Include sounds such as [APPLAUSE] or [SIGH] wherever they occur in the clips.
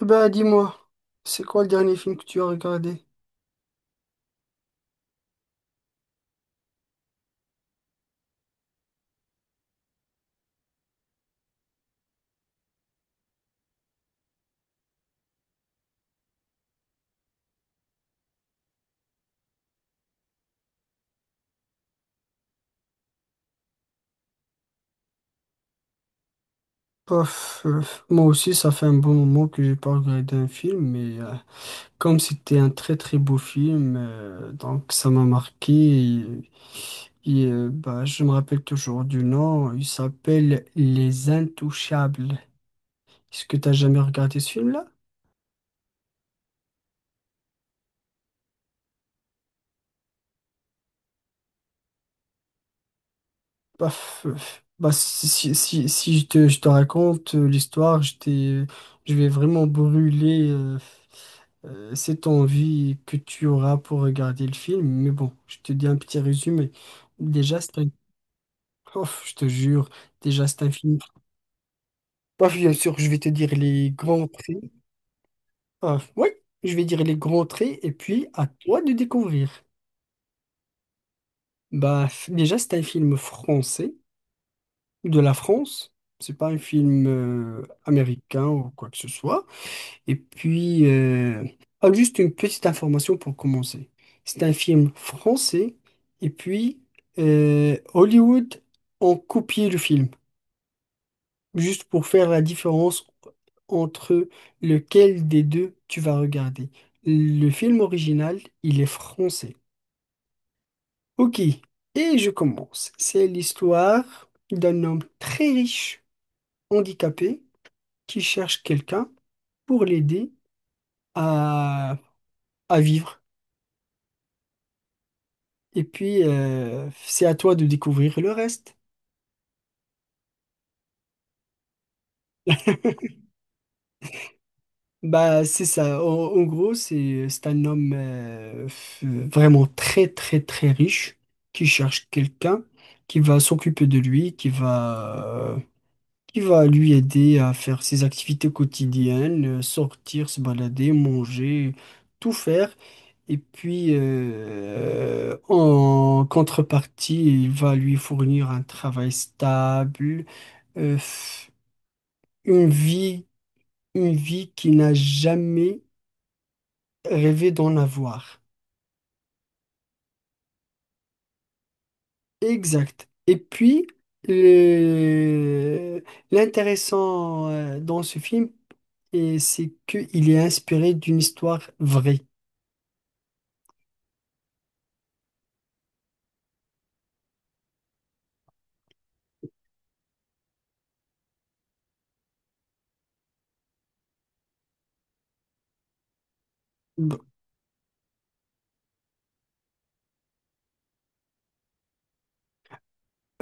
Bah dis-moi, c'est quoi le dernier film que tu as regardé? Pof, moi aussi, ça fait un bon moment que j'ai pas regardé un film, mais comme c'était un très très beau film, donc ça m'a marqué. Et bah, je me rappelle toujours du nom. Il s'appelle Les Intouchables. Est-ce que tu as jamais regardé ce film-là? Bah, bah, si je te raconte l'histoire, je vais vraiment brûler cette envie que tu auras pour regarder le film. Mais bon, je te dis un petit résumé. Déjà, c'est un. Ouf, je te jure, déjà, c'est un film. Bah, bien sûr, je vais te dire les grands traits. Ah, oui, je vais dire les grands traits et puis à toi de découvrir. Bah, déjà, c'est un film français. De la France. C'est pas un film américain ou quoi que ce soit. Et puis, ah, juste une petite information pour commencer. C'est un film français. Et puis, Hollywood ont copié le film, juste pour faire la différence entre lequel des deux tu vas regarder. Le film original, il est français. Ok, et je commence. C'est l'histoire d'un homme très riche, handicapé, qui cherche quelqu'un pour l'aider à, à vivre. Et puis, c'est à toi de découvrir le reste. Bah, c'est ça. En gros, c'est un homme vraiment très, très, très riche, qui cherche quelqu'un qui va s'occuper de lui, qui va lui aider à faire ses activités quotidiennes, sortir, se balader, manger, tout faire. Et puis, en contrepartie, il va lui fournir un travail stable, euh, f- une vie, une vie qu'il n'a jamais rêvé d'en avoir. Exact. Et puis, le- l'intéressant dans ce film, et c'est qu'il est inspiré d'une histoire vraie. B-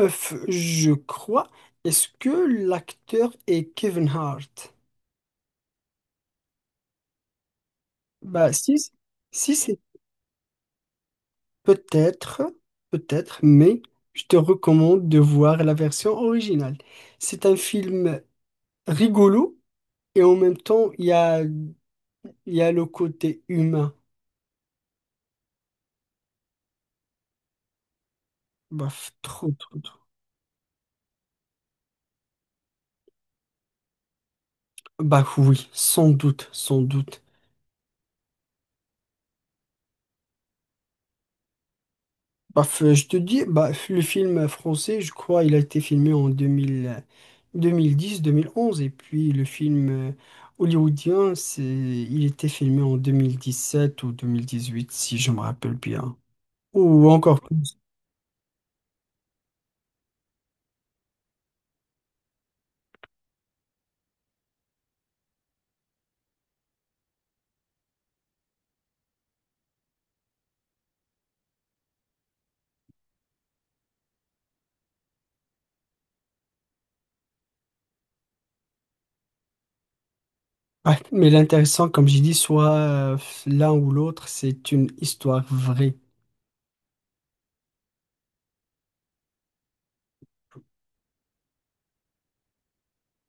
Je crois. Est-ce que l'acteur est Kevin Hart? Bah, si c'est peut-être, peut-être, mais je te recommande de voir la version originale. C'est un film rigolo et en même temps, il y a le côté humain. Bah, trop, trop, trop. Bah oui, sans doute, sans doute. Bah, je te dis, bah, le film français, je crois, il a été filmé en deux mille dix, 2011, et puis le film hollywoodien, il était filmé en 2010 sept ou 2018, si je me rappelle bien. Ou encore plus. Ouais, mais l'intéressant, comme j'ai dit, soit l'un ou l'autre, c'est une histoire vraie.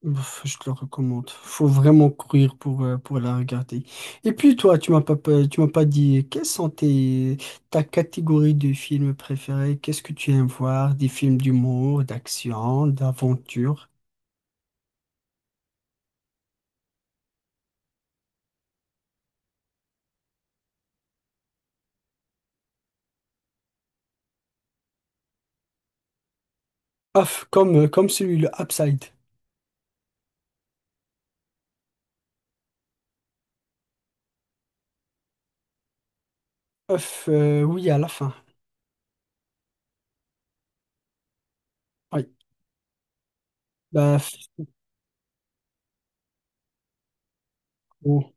Ouf, je te le recommande. Faut vraiment courir pour, la regarder. Et puis toi, tu m'as pas dit quelles sont ta catégorie de films préférés? Qu'est-ce que tu aimes voir? Des films d'humour, d'action, d'aventure? Ouf, comme celui le Upside. Ouf, oui, à la fin. Oui. Bah, bon.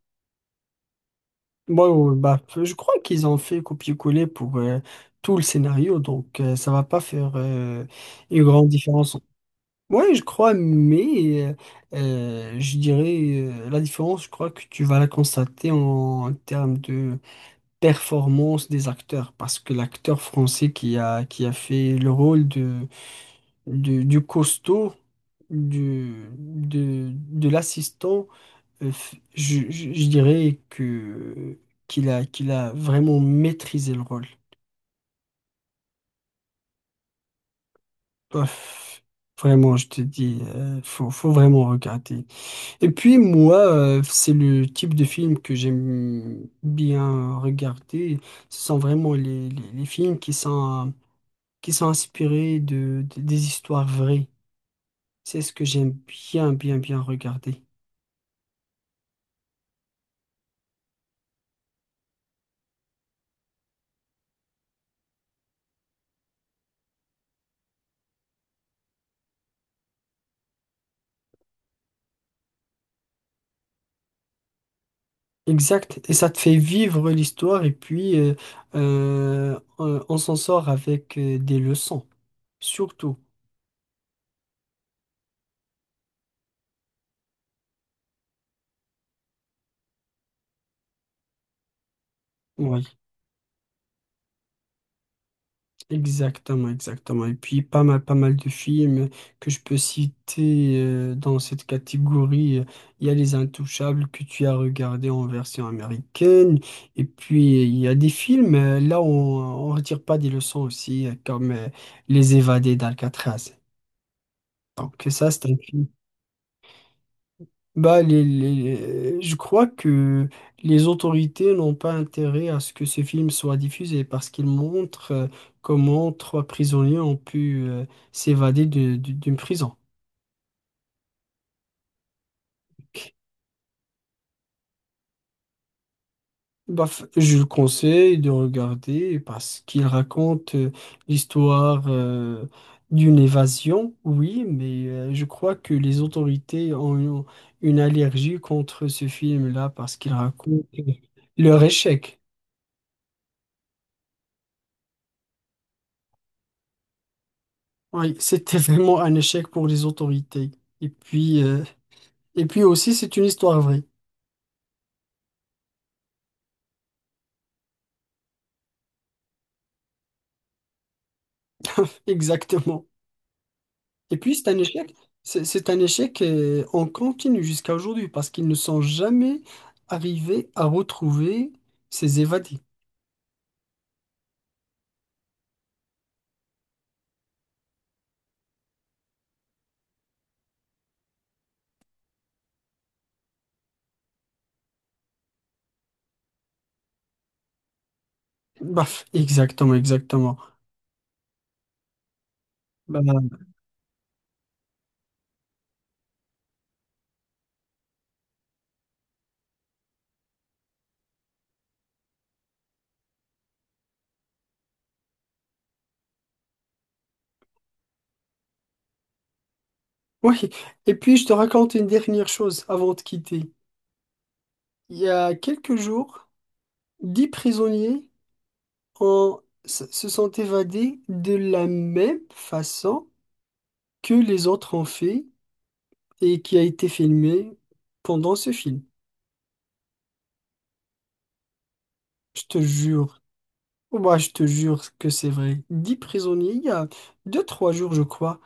Bon, ouais, bah, je crois qu'ils ont fait copier-coller pour tout le scénario, donc ça va pas faire une grande différence. Ouais, je crois, mais je dirais la différence, je crois que tu vas la constater en termes de performance des acteurs, parce que l'acteur français qui a fait le rôle de, du, costaud, de l'assistant, je dirais qu'il a vraiment maîtrisé le rôle. Bof, vraiment, je te dis, faut vraiment regarder. Et puis moi, c'est le type de film que j'aime bien regarder. Ce sont vraiment les films qui sont inspirés des histoires vraies. C'est ce que j'aime bien, bien, bien regarder. Exact. Et ça te fait vivre l'histoire et puis on s'en sort avec des leçons, surtout. Oui. Exactement, exactement. Et puis pas mal, pas mal de films que je peux citer dans cette catégorie. Il y a Les Intouchables que tu as regardé en version américaine. Et puis il y a des films là où on retire pas des leçons aussi, comme Les Évadés d'Alcatraz. Donc ça, c'est un film. Bah, je crois que les autorités n'ont pas intérêt à ce que ce film soit diffusé parce qu'il montre comment trois prisonniers ont pu s'évader d'une prison. Bah, je le conseille de regarder parce qu'il raconte l'histoire d'une évasion, oui, mais je crois que les autorités ont une allergie contre ce film-là parce qu'il raconte leur échec. Oui, c'était [LAUGHS] vraiment un échec pour les autorités. Et puis, euh, et puis aussi, c'est une histoire vraie. [LAUGHS] Exactement. Et puis, c'est un échec. C'est un échec en continu jusqu'à aujourd'hui parce qu'ils ne sont jamais arrivés à retrouver ces évadés. Baf, exactement, exactement. Bah, oui. Et puis, je te raconte une dernière chose avant de quitter. Il y a quelques jours, 10 prisonniers se sont évadés de la même façon que les autres ont fait et qui a été filmé pendant ce film. Je te jure. Moi, je te jure que c'est vrai. 10 prisonniers, il y a deux, trois jours, je crois.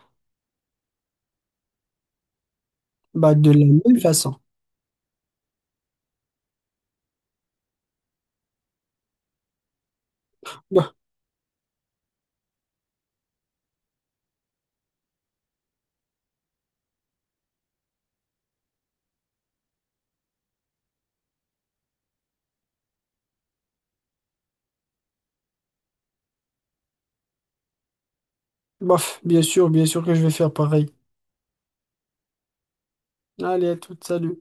Bah, de la même façon. Bah, bof, bien sûr que je vais faire pareil. Allez, à toute, salut.